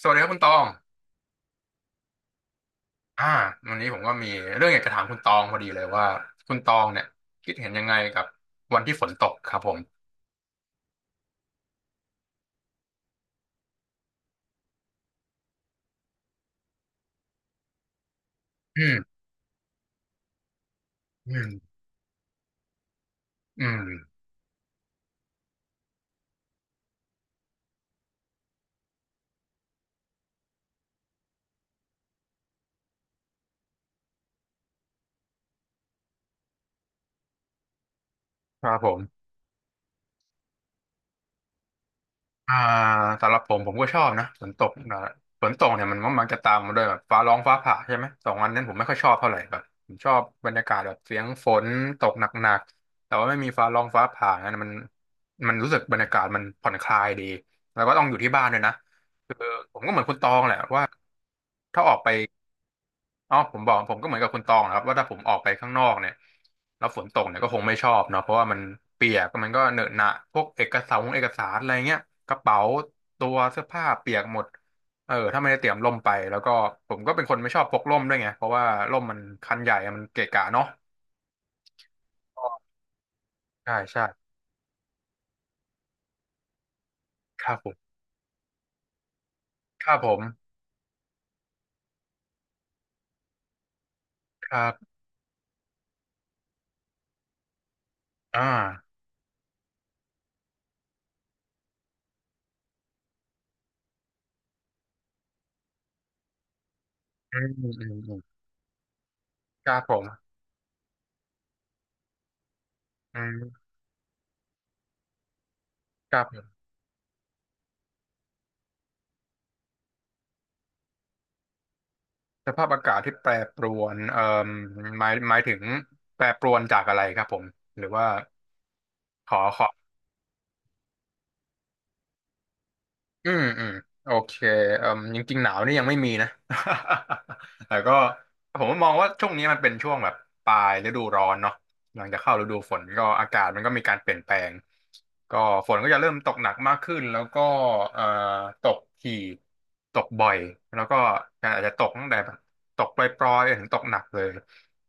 สวัสดีครับคุณตอง อ่า วันนี้ผมก็มีเรื่องอยากจะถามคุณตองพอดีเลยว่าคุณตองเนี่ยคิดเห็นยังไงกับวันที่ฝนตกครับผม อืม อืมอืมครับผม อ่าสำหรับผมผมก็ชอบนะฝนตกนะฝนตกเนี่ยมันมักจะตามมาด้วยแบบฟ้าร้องฟ้าผ่าใช่ไหมสองอันนั้นผมไม่ค่อยชอบเท่าไหร่แบบผมชอบบรรยากาศแบบเสียงฝนตกหนักๆแต่ว่าไม่มีฟ้าร้องฟ้าผ่านั้นมันรู้สึกบรรยากาศมันผ่อนคลายดีแล้วก็ต้องอยู่ที่บ้านด้วยนะคือผมก็เหมือนคุณตองแหละว่าถ้าออกไป อ๋อผมบอกผมก็เหมือนกับคุณตองนะครับว่าถ้าผมออกไปข้างนอกเนี่ยแล้วฝนตกเนี่ยก็คงไม่ชอบเนาะเพราะว่ามันเปียกมันก็เหนอะหนะพวกเอกสารอะไรเงี้ยกระเป๋าตัวเสื้อผ้าเปียกหมดเออถ้าไม่ได้เตรียมร่มไปแล้วก็ผมก็เป็นคนไม่ชอบพกร่มด้วยไงเพราะว่าร่มมันคันใหญ่อะมันเกะกะเนาะใช่ใช่ครับผมครับผมครับอ่าอืมอืมอืมครับผมอืมครับ สภาพอากาศที่แปรปรวนหมายถึงแปรปรวนจากอะไรครับผมหรือว่าขออืมอืมโอเคเอ่มจริงๆหนาวนี่ยังไม่มีนะ แต่ก็ผมมองว่าช่วงนี้มันเป็นช่วงแบบปลายฤดูร้อนเนาะหลังจากเข้าฤดูฝนก็อากาศมันก็มีการเปลี่ยนแปลงก็ฝนก็จะเริ่มตกหนักมากขึ้นแล้วก็เอ่อตกถี่ตกบ่อยแล้วก็อาจจะตกตั้งแต่แบบตกปล่อยๆถึงตกหนักเลย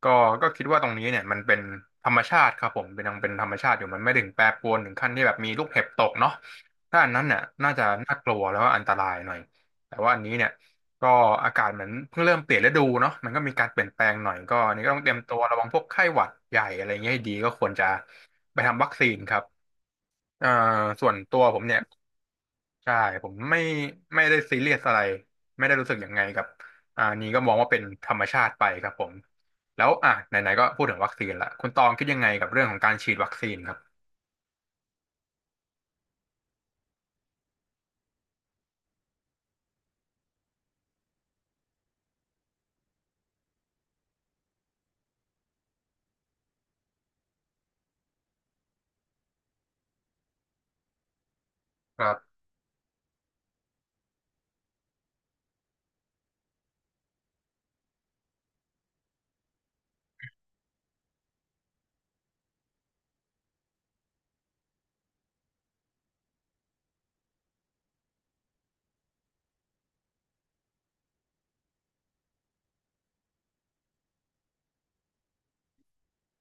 ก็ก็คิดว่าตรงนี้เนี่ยมันเป็นธรรมชาติครับผมเป็นยังเป็นธรรมชาติอยู่มันไม่ถึงแปรปรวนถึงขั้นที่แบบมีลูกเห็บตกเนาะ ถ้าอันนั้นเนี่ยน่าจะน่ากลัวแล้วก็อันตรายหน่อยแต่ว่าอันนี้เนี่ยก็อากาศเหมือนเพิ่งเริ่มเปลี่ยนฤดูเนาะมันก็มีการเปลี่ยนแปลงหน่อยก็อันนี้ก็ต้องเตรียมตัวระวังพวกไข้หวัดใหญ่อะไรเงี้ยให้ดีก็ควรจะไปทำวัคซีนครับเอ่อส่วนตัวผมเนี่ยใช่ผมไม่ไม่ได้ซีเรียสอะไรไม่ได้รู้สึกยังไงกับอันนี้ก็มองว่าเป็นธรรมชาติไปครับผมแล้วอ่ะไหนๆก็พูดถึงวัคซีนละคุณตองคิดยังไงกับเรื่องของการฉีดวัคซีนครับครับ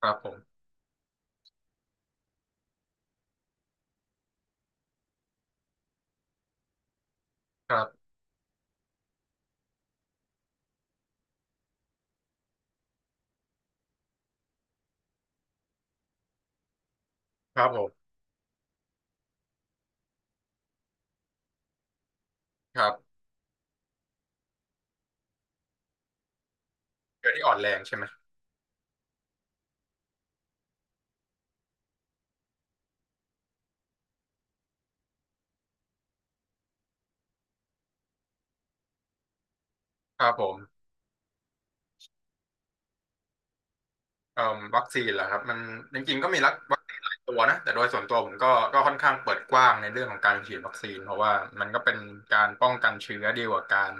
ครับผมครับครับผมครับเกิดที่อ่อนแรงใช่ไหม ครับผมเอ่อวัคซีนเหรอครับมันจริงๆก็มีรักวัคซีนหลายตัวนะแต่โดยส่วนตัวผมก็ก็ค่อนข้างเปิดกว้างในเรื่องของการฉีดวัคซีนเพราะว่ามันก็เป็นการป้องกันเชื้อดีกว่าการ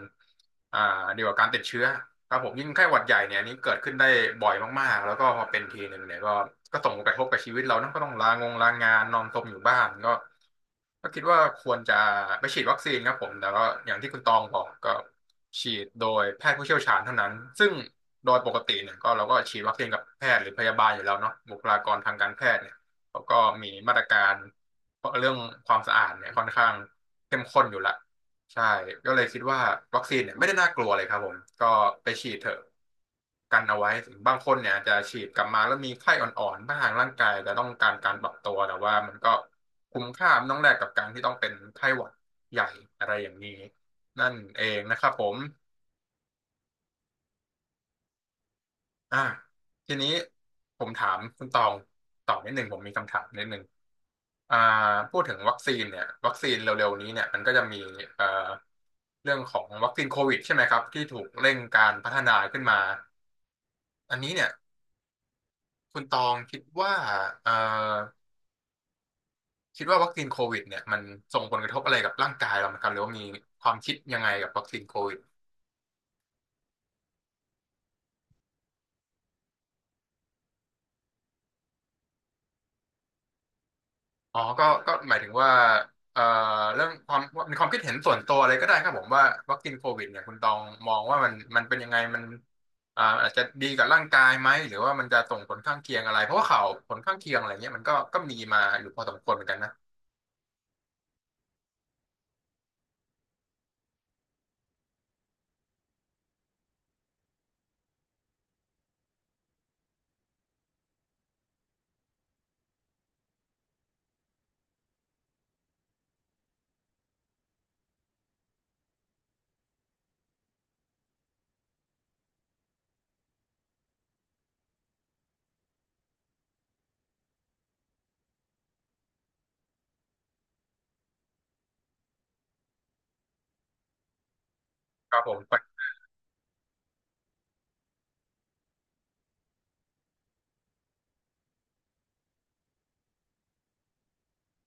อ่าดีกว่าการติดเชื้อครับผมยิ่งไข้หวัดใหญ่เนี่ยอันนี้เกิดขึ้นได้บ่อยมากๆแล้วก็พอเป็นทีหนึ่งเนี่ยก็ก็ส่งผลกระทบกับชีวิตเรานะก็ต้องลางงลางานนอนซมอยู่บ้านก็ก็คิดว่าควรจะไปฉีดวัคซีนครับผมแต่ก็อย่างที่คุณตองบอกก็ ฉีดโดยแพทย์ผู้เชี่ยวชาญเท่านั้นซึ่งโดยปกติเนี่ยก็เราก็ฉีดวัคซีนกับแพทย์หรือพยาบาลอยู่แล้วเนาะบุคลากรทางการแพทย์เนี่ยเขาก็มีมาตรการเรื่องความสะอาดเนี่ยค่อนข้างเข้มข้นอยู่ละใช่ก็เลยคิดว่าวัคซีนเนี่ยไม่ได้น่ากลัวเลยครับผมก็ไปฉีดเถอะกันเอาไว้ถึงบางคนเนี่ยอาจจะฉีดกลับมาแล้วมีไข้อ่อนๆบ้างร่างกายแต่ต้องการการปรับตัวแต่ว่ามันก็คุ้มค่ามันต้องแลกกับการที่ต้องเป็นไข้หวัดใหญ่อะไรอย่างนี้ นั่นเองนะครับผมอ่าทีนี้ผมถามคุณตองต่อนิดหนึ่งผมมีคำถามนิดหนึ่งอ่าพูดถึงวัคซีนเนี่ยวัคซีนเร็วๆนี้เนี่ยมันก็จะมีเอ่อเรื่องของวัคซีนโควิดใช่ไหมครับที่ถูกเร่งการพัฒนาขึ้นมาอันนี้เนี่ยคุณตองคิดว่าเอ่อคิดว่าวัคซีนโควิดเนี่ยมันส่งผลกระทบอะไรกับร่างกายเราไหมครับหรือว่ามีความคิดยังไงกับวัคซีนโควิด อ๋อก็หมายถึงว่าเอ่อเรื่องความมีความคิดเห็นส่วนตัวอะไรก็ได้ครับผมว่าวัคซีนโควิดเนี่ยคุณตองมองว่ามันเป็นยังไงมันอาจจะดีกับร่างกายไหมหรือว่ามันจะส่งผลข้างเคียงอะไร เพราะว่าข่าวผลข้างเคียงอะไรเงี้ยมันก็ก็มีมาอยู่พอสมควรเหมือนกันนะครับผม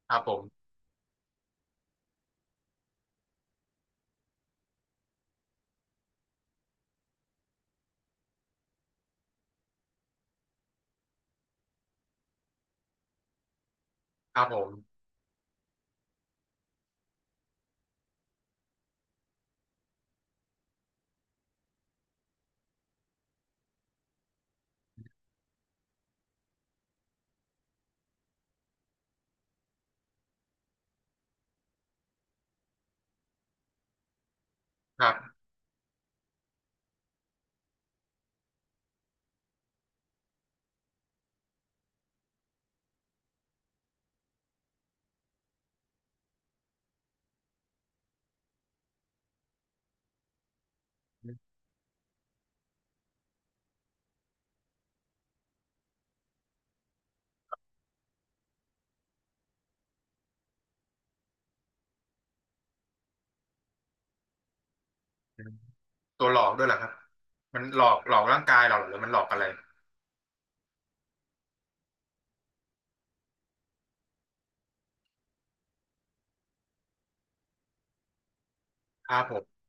ครับผมครับผมครับอืมตัวหลอกด้วยเหรอครับมันหลอกหลอกร่างกายเราเหรอหรือมันหลอกอะไรครับผม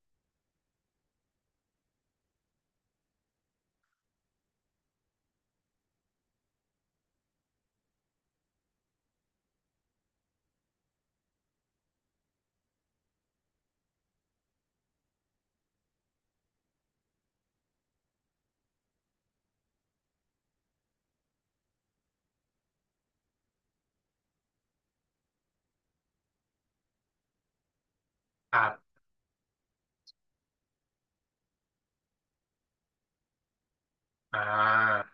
ครับอ่า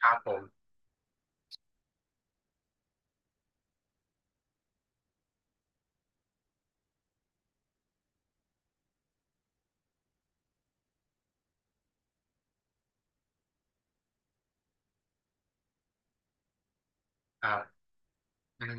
ครับผมครับอืม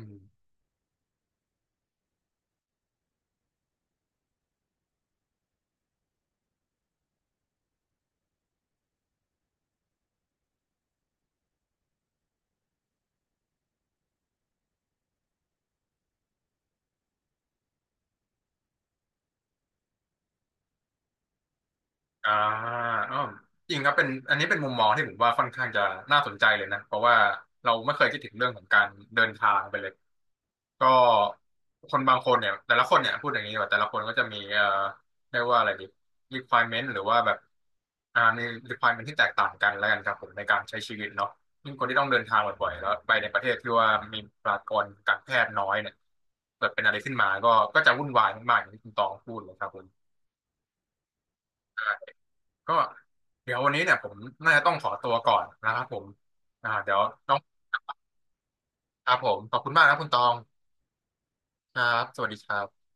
อ่าอ้าวจริงครับเป็นอันนี้เป็นมุมมองที่ผมว่าค่อนข้างจะน่าสนใจเลยนะเพราะว่าเราไม่เคยคิดถึงเรื่องของการเดินทางไปเลยก็คนบางคนเนี่ยแต่ละคนเนี่ยพูดอย่างนี้ดีกว่าแต่ละคนก็จะมีเรียกว่าอะไรดี requirement หรือว่าแบบมี requirement ที่แตกต่างกันแล้วกันครับผมในการใช้ชีวิตเนาะยิ่งคนที่ต้องเดินทางบ่อยๆแล้วไปในประเทศที่ว่ามีประชากรการแพทย์น้อยเนี่ยเกิดเป็นอะไรขึ้นมาก็ก็จะวุ่นวายมากๆอย่างที่คุณตองพูดเลยครับผม ก็เดี๋ยววันนี้เนี่ยผมน่าจะต้องขอตัวก่อนนะครับผมเดี๋ยวต้องครับผมขอบคุณมากนะคุณตองครับสวัสดีครับ